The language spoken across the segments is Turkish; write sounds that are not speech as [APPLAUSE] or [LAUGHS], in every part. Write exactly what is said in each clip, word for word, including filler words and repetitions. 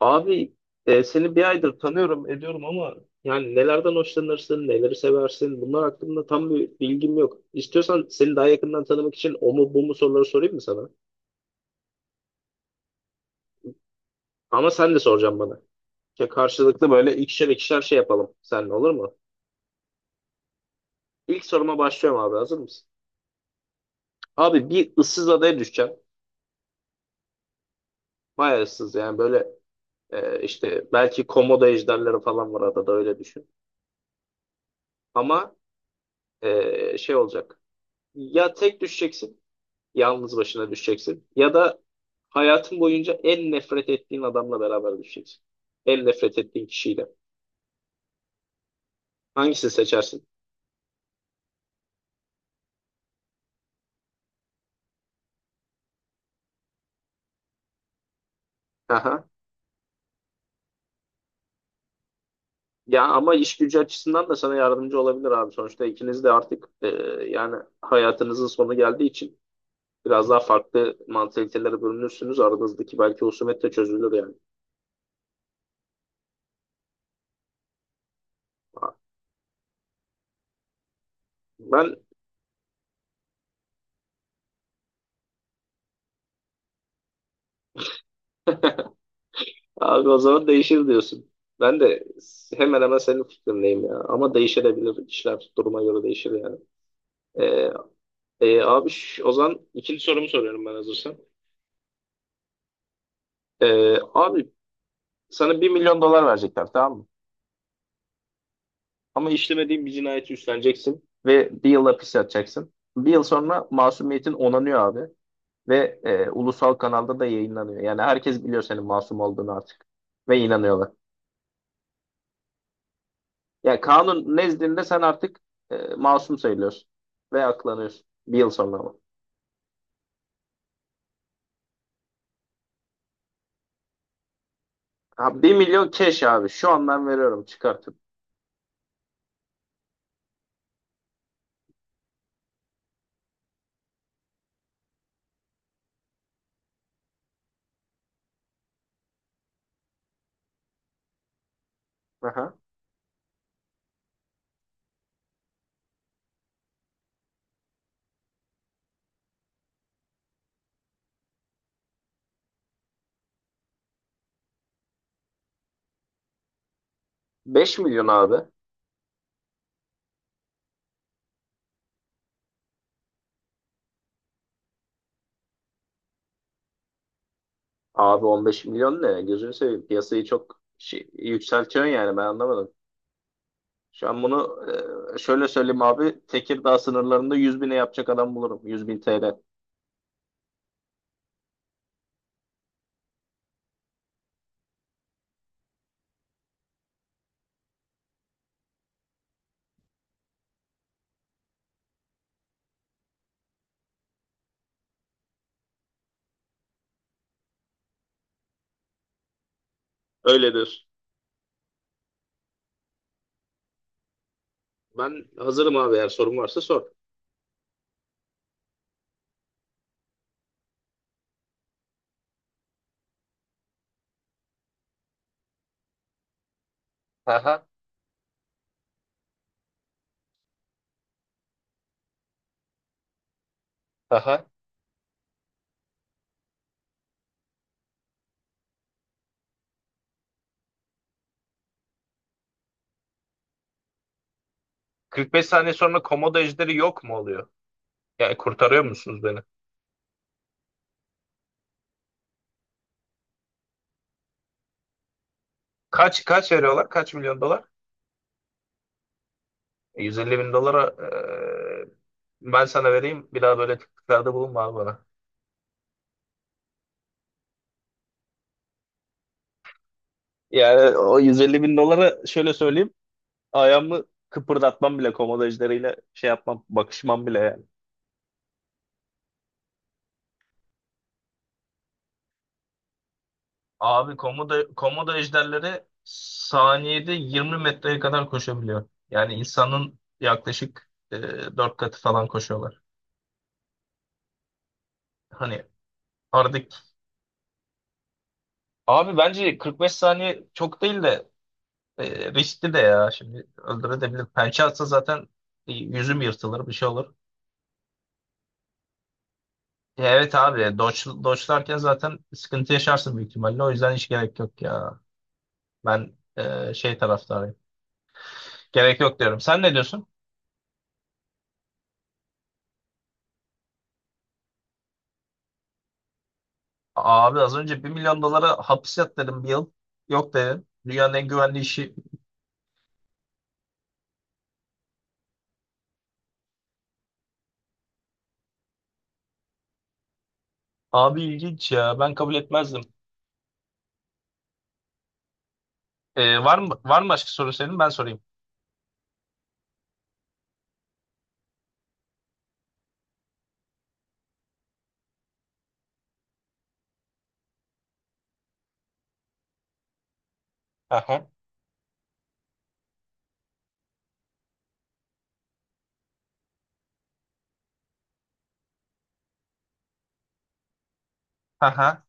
Abi e, seni bir aydır tanıyorum ediyorum ama yani nelerden hoşlanırsın, neleri seversin, bunlar hakkında tam bir bilgim yok. İstiyorsan seni daha yakından tanımak için o mu bu mu soruları sorayım mı sana? Ama sen de soracaksın bana. İşte karşılıklı böyle ikişer ikişer şey yapalım seninle, olur mu? İlk soruma başlıyorum abi, hazır mısın? Abi, bir ıssız adaya düşeceğim. Bayağı ıssız, yani böyle e, işte belki komodo ejderleri falan var adada, öyle düşün. Ama e, şey olacak. Ya tek düşeceksin, Yalnız başına düşeceksin. Ya da hayatın boyunca en nefret ettiğin adamla beraber düşeceksin. En nefret ettiğin kişiyle. Hangisini seçersin? Aha. Ya ama iş gücü açısından da sana yardımcı olabilir abi. Sonuçta ikiniz de artık e, yani hayatınızın sonu geldiği için biraz daha farklı mantalitelere bölünürsünüz. Aranızdaki belki husumet de çözülür yani. Ben, abi, o zaman değişir diyorsun. Ben de hemen hemen senin fikrindeyim ya. Ama değişebilir, işler duruma göre değişir yani. E, Ee, abi, ş- o zaman ikinci sorumu soruyorum ben, hazırsan. Ee, abi, sana bir milyon dolar verecekler, tamam mı? Ama işlemediğin bir cinayeti üstleneceksin ve bir yıl hapis yatacaksın. Bir yıl sonra masumiyetin onanıyor abi ve e, ulusal kanalda da yayınlanıyor. Yani herkes biliyor senin masum olduğunu artık ve inanıyorlar. Yani kanun nezdinde sen artık e, masum sayılıyorsun ve aklanıyorsun bir yıl sonra, ama. Ha, bir milyon cash abi, şu an ben veriyorum çıkartıp. Aha. beş milyon abi. Abi, on beş milyon ne? Gözünü seveyim. Piyasayı çok şey, yükseltiyorsun yani, ben anlamadım. Şu an bunu e, şöyle söyleyeyim abi. Tekirdağ sınırlarında yüz bine yapacak adam bulurum. yüz bin T L. Öyledir. Ben hazırım abi, eğer sorun varsa sor. Aha, aha. kırk beş saniye sonra komodo ejderi yok mu oluyor? Yani kurtarıyor musunuz beni? Kaç kaç veriyorlar? Kaç milyon dolar? E, yüz elli bin dolara e, ben sana vereyim. Bir daha böyle tekliflerde bulunma abi bana. Yani o yüz elli bin dolara şöyle söyleyeyim. Ayağımı kıpırdatmam bile, komodo ejderiyle şey yapmam, bakışmam bile yani. Abi komodo, komodo ejderleri saniyede yirmi metreye kadar koşabiliyor. Yani insanın yaklaşık e, dört katı falan koşuyorlar. Hani, artık abi bence kırk beş saniye çok değil de e, riskli de ya. Şimdi öldürebilir. Pençe atsa zaten e, yüzüm yırtılır, bir şey olur. E, Evet abi, doç, doçlarken zaten sıkıntı yaşarsın büyük ihtimalle. O yüzden hiç gerek yok ya. Ben e, şey taraftarıyım. Gerek yok diyorum. Sen ne diyorsun? Abi az önce bir milyon dolara hapis yat dedim, bir yıl. Yok dedim. Dünyanın en güvenli işi. Abi ilginç ya. Ben kabul etmezdim. Ee, var mı var mı başka soru senin? Ben sorayım. Aha. Aha.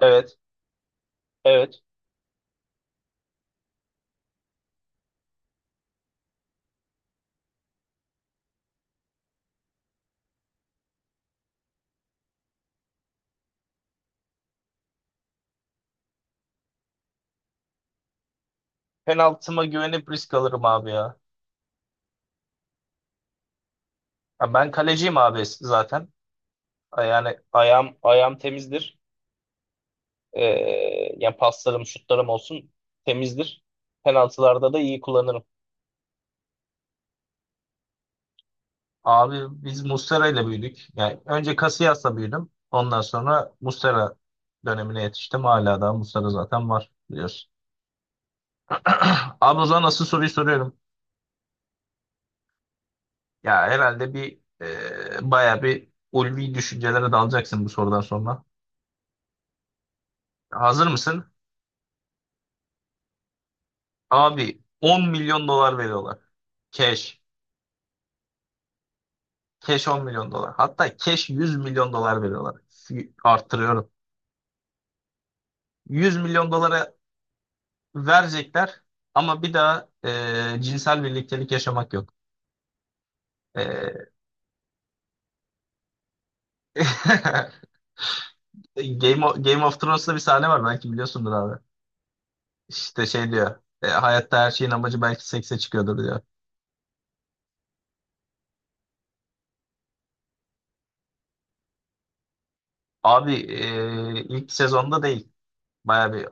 Evet. Evet. Penaltıma güvenip risk alırım abi ya. Ya ben kaleciyim abi zaten. Ee, Yani ayağım ayağım temizdir. Ee, yani paslarım, şutlarım olsun, temizdir. Penaltılarda da iyi kullanırım. Abi biz Muslera ile büyüdük. Yani önce Casillas'la büyüdüm. Ondan sonra Muslera dönemine yetiştim. Hala daha Muslera zaten var, biliyorsun. [CLEARS THROAT] Abi o zaman nasıl, soruyu soruyorum. Ya herhalde bir e, baya bir ulvi düşüncelere dalacaksın bu sorudan sonra. Hazır mısın? Abi, on milyon dolar veriyorlar. Cash. Cash on milyon dolar. Hatta cash yüz milyon dolar veriyorlar. F- Arttırıyorum. yüz milyon dolara verecekler ama bir daha e, cinsel birliktelik yaşamak yok. E, [LAUGHS] Game of, Game of Thrones'ta bir sahne var, belki biliyorsundur abi. İşte şey diyor, e, hayatta her şeyin amacı belki sekse çıkıyordur diyor. Abi e, ilk sezonda değil. Baya bir,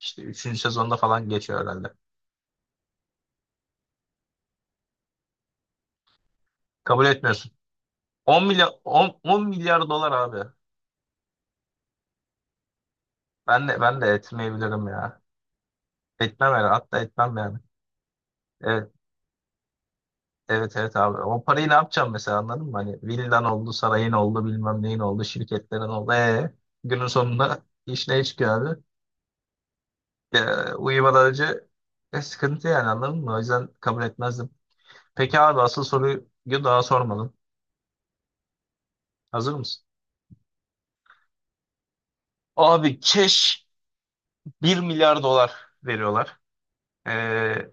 işte üçüncü sezonda falan geçiyor herhalde. Kabul etmiyorsun. on milyar on, on milyar dolar abi. Ben de ben de etmeyebilirim ya. Etmem herhalde. Hatta etmem yani. Evet. Evet, evet abi. O parayı ne yapacağım mesela, anladın mı? Hani villan oldu, sarayın oldu, bilmem neyin oldu, şirketlerin oldu. Ee, günün sonunda iş ne çıkıyor abi? Ee, uyumadan önce e, sıkıntı yani, anladın mı? O yüzden kabul etmezdim. Peki abi, asıl soruyu daha sormadım. Hazır mısın? Abi, keş bir milyar dolar veriyorlar. Ee,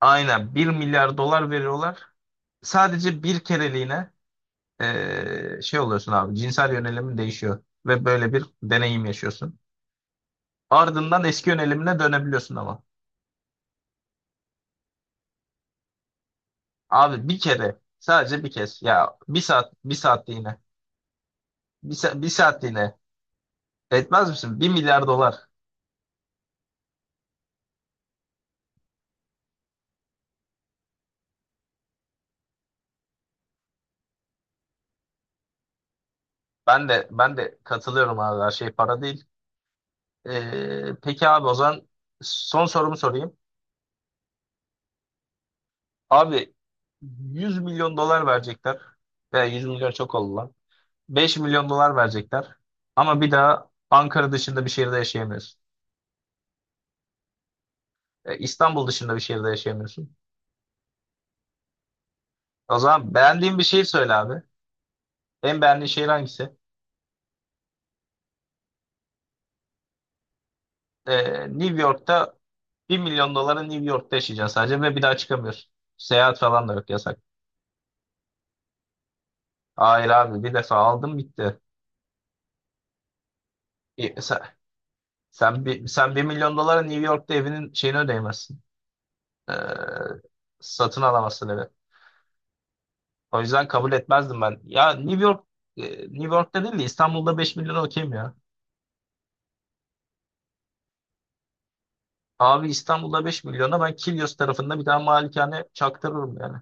aynen bir milyar dolar veriyorlar. Sadece bir kereliğine ee, şey oluyorsun abi, cinsel yönelimin değişiyor. Ve böyle bir deneyim yaşıyorsun. Ardından eski yönelimine dönebiliyorsun, ama. Abi bir kere, sadece bir kez ya, bir saat bir saatliğine, bir, sa bir saatliğine etmez misin? Bir milyar dolar. Ben de ben de katılıyorum abi, her şey para değil. Ee, peki abi, o zaman son sorumu sorayım. Abi, yüz milyon dolar verecekler. Veya yüz milyon çok oldu lan. beş milyon dolar verecekler. Ama bir daha Ankara dışında bir şehirde yaşayamıyorsun. Ee, İstanbul dışında bir şehirde yaşayamıyorsun. O zaman beğendiğin bir şehir söyle abi. En beğendiğin şehir hangisi? Ee, New York'ta, bir milyon dolara New York'ta yaşayacaksın sadece ve bir daha çıkamıyorsun. Seyahat falan da yok, yasak. Hayır abi, bir defa aldım bitti. E, sen, sen, bir, sen bir milyon dolara New York'ta evinin şeyini ödeyemezsin. Ee, satın alamazsın evi. O yüzden kabul etmezdim ben. Ya New York e, New York'ta değil de İstanbul'da beş milyona okeyim ya. Abi, İstanbul'da beş milyona ben Kilyos tarafında bir tane malikane çaktırırım yani.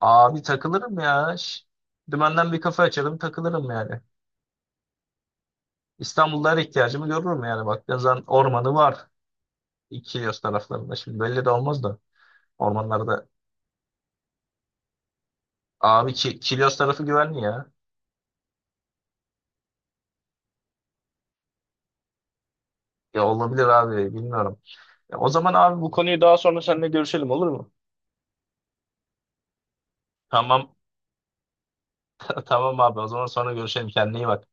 Abi takılırım ya. Ş- Dümenden bir kafe açarım, takılırım yani. İstanbul'da her ihtiyacımı görürüm yani. Baktığın zaman ormanı var, Kilyos taraflarında. Şimdi belli de olmaz da, ormanlarda. Abi Ki Kilyos tarafı güvenli ya. Ya olabilir abi, bilmiyorum. Ya o zaman abi, bu konuyu daha sonra seninle görüşelim, olur mu? Tamam [LAUGHS] tamam abi, o zaman sonra görüşelim, kendine iyi bak.